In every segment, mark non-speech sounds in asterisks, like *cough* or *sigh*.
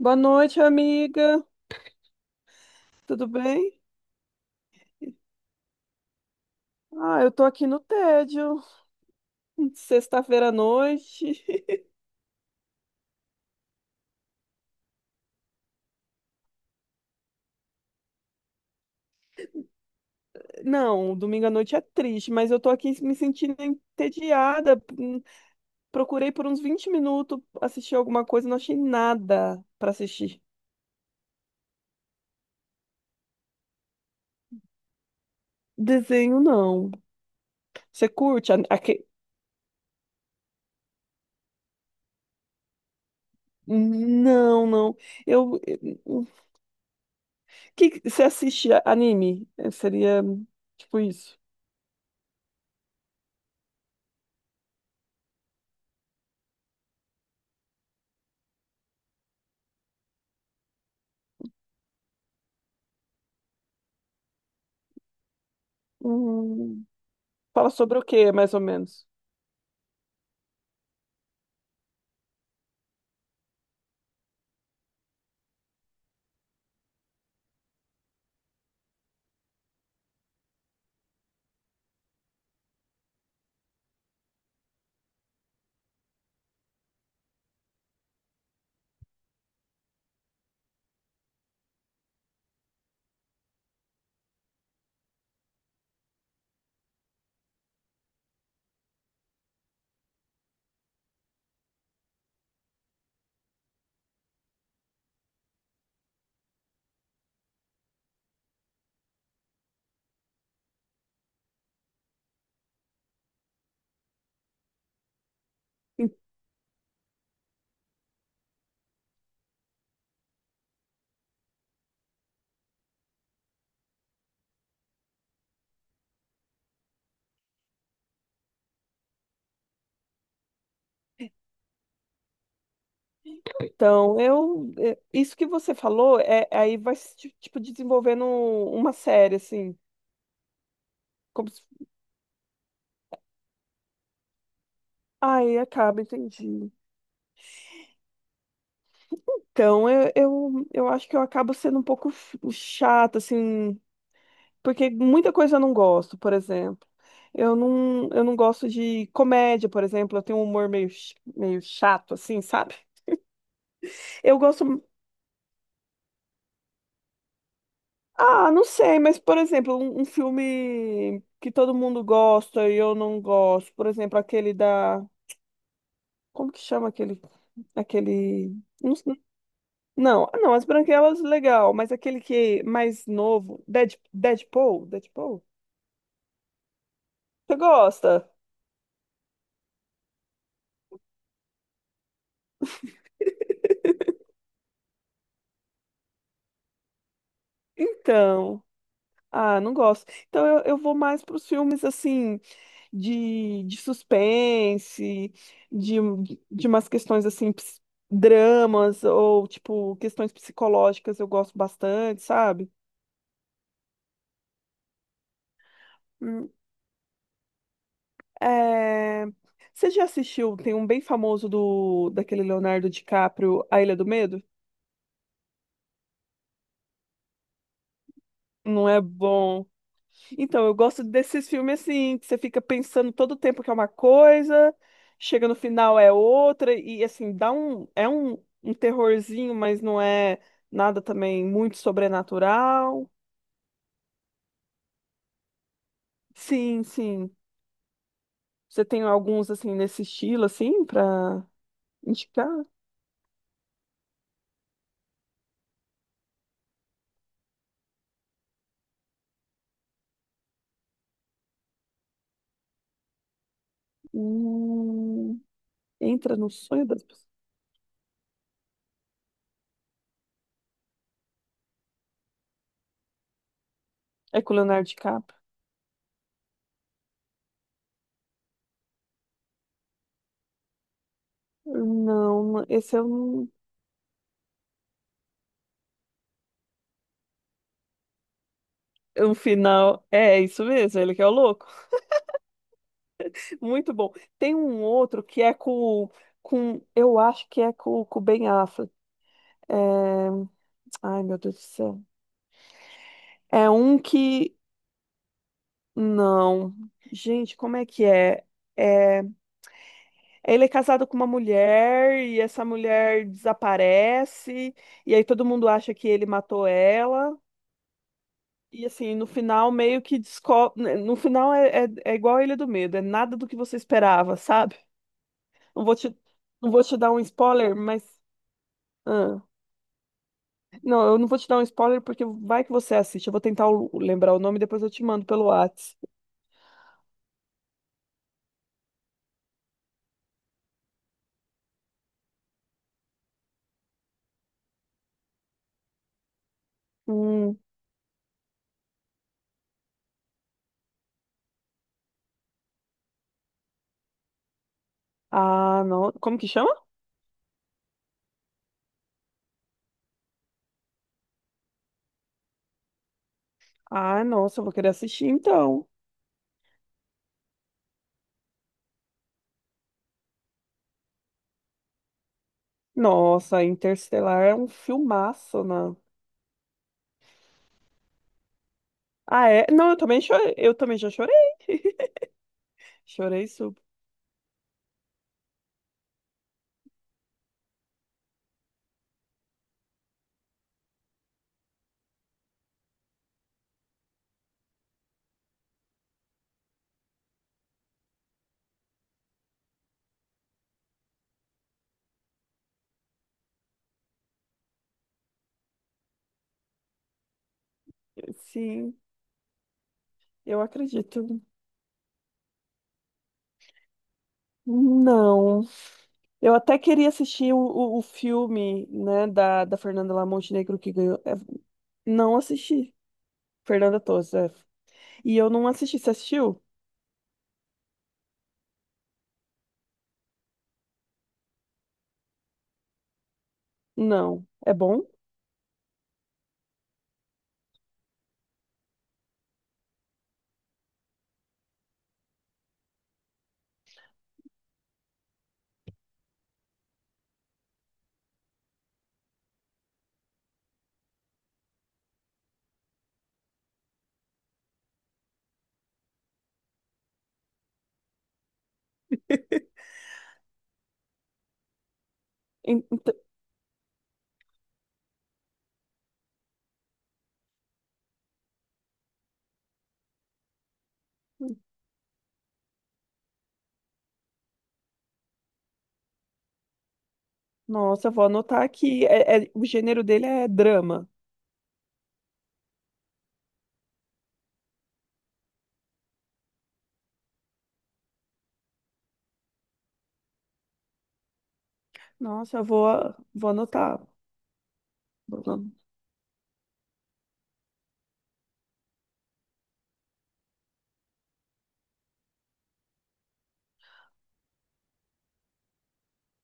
Boa noite, amiga. Tudo bem? Ah, eu tô aqui no tédio. Sexta-feira à noite. Não, domingo à noite é triste, mas eu tô aqui me sentindo entediada. Procurei por uns 20 minutos assistir alguma coisa, não achei nada pra assistir. Desenho, não. Você curte? Não, não. Eu. O que você assiste anime? Seria tipo isso. Hum, Fala sobre o que mais ou menos? Então, é, isso que você falou, é, aí vai se, tipo, desenvolvendo uma série, assim, como se, ai, acaba, entendi. Então, eu acho que eu acabo sendo um pouco chata, assim, porque muita coisa eu não gosto, por exemplo. Eu não gosto de comédia, por exemplo, eu tenho um humor meio, meio chato, assim, sabe? Eu gosto, ah, não sei, mas, por exemplo, um filme que todo mundo gosta e eu não gosto, por exemplo, aquele da... Como que chama aquele, aquele, não, sei- não, ah, não, as branquelas, legal, mas aquele que é mais novo, Deadpool, Deadpool, você gosta? Então, ah, não gosto. Então eu vou mais para os filmes, assim, de suspense, de, de umas questões, assim, dramas, ou, tipo, questões psicológicas eu gosto bastante, sabe? É, você já assistiu? Tem um bem famoso do daquele Leonardo DiCaprio, A Ilha do Medo? Não é bom. Então, eu gosto desses filmes assim, que você fica pensando todo o tempo que é uma coisa, chega no final é outra, e assim, dá um. É um, um terrorzinho, mas não é nada também muito sobrenatural. Sim, sim. Você tem alguns assim nesse estilo, assim, pra indicar? Hum. Entra no sonho das pessoas. É com o Leonardo DiCaprio. Não, esse é um final. É isso mesmo, ele que é o louco. Muito bom. Tem um outro que é com eu acho que é com o Ben Affleck. É, ai, meu Deus do céu. É um que. Não. Gente, como é que é? É, ele é casado com uma mulher e essa mulher desaparece, e aí todo mundo acha que ele matou ela. E assim, no final meio que descobre. No final é igual a Ilha do Medo, é nada do que você esperava, sabe? Não vou te, não vou te dar um spoiler, mas. Ah, não, eu não vou te dar um spoiler porque vai que você assiste. Eu vou tentar lembrar o nome e depois eu te mando pelo Whats. Hum, ah, não. Como que chama? Ah, nossa, eu vou querer assistir então. Nossa, Interstellar é um filmaço, né? Ah, é? Não, eu também chorei. Eu também já chorei. *laughs* Chorei super. Sim. Eu acredito. Não. Eu até queria assistir o filme, né, da Fernanda lá Montenegro que ganhou. É, não assisti. Fernanda Torres, é. E eu não assisti. Você assistiu? Não. É bom? Ent-. Nossa, eu vou anotar aqui. O gênero dele é drama. Nossa, eu vou, vou anotar.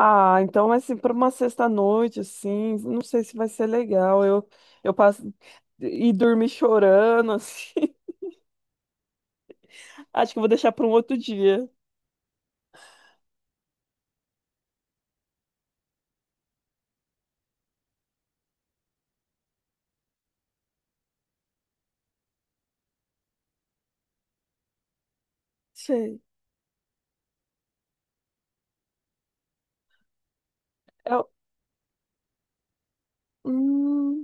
Ah, então, assim, para uma sexta-noite, assim, não sei se vai ser legal. Eu passo e dormir chorando, *laughs* assim. Acho que eu vou deixar para um outro dia. Sei. É o... hum,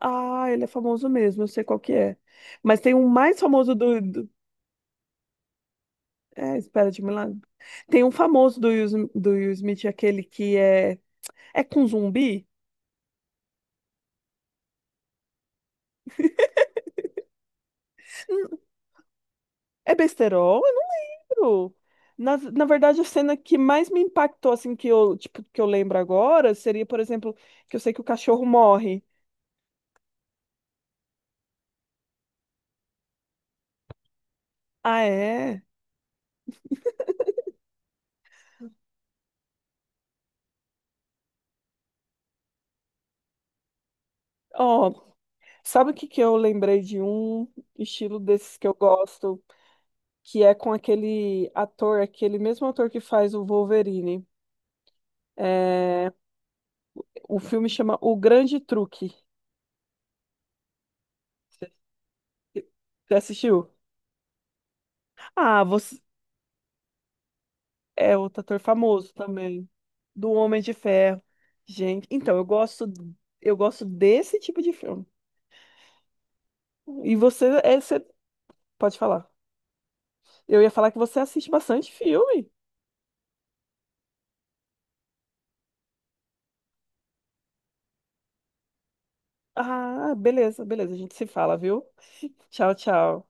ah, ele é famoso mesmo, eu sei qual que é. Mas tem um mais famoso do, do-. É, Espera de Milagre. Tem um famoso do do Will Smith, aquele que é... É com zumbi? Hum, É besterol? Eu não lembro. Na verdade, a cena que mais me impactou, assim, que eu, tipo, que eu lembro agora, seria, por exemplo, que eu sei que o cachorro morre. Ah, é? Ó, sabe o que que eu lembrei de um estilo desses que eu gosto? Que é com aquele ator, aquele mesmo ator que faz o Wolverine. É, o filme chama O Grande Truque. Você assistiu? Ah, você é outro ator famoso também, do Homem de Ferro. Gente, então eu gosto desse tipo de filme. E você, é, você pode falar. Eu ia falar que você assiste bastante filme. Ah, beleza, beleza. A gente se fala, viu? *laughs* Tchau, tchau.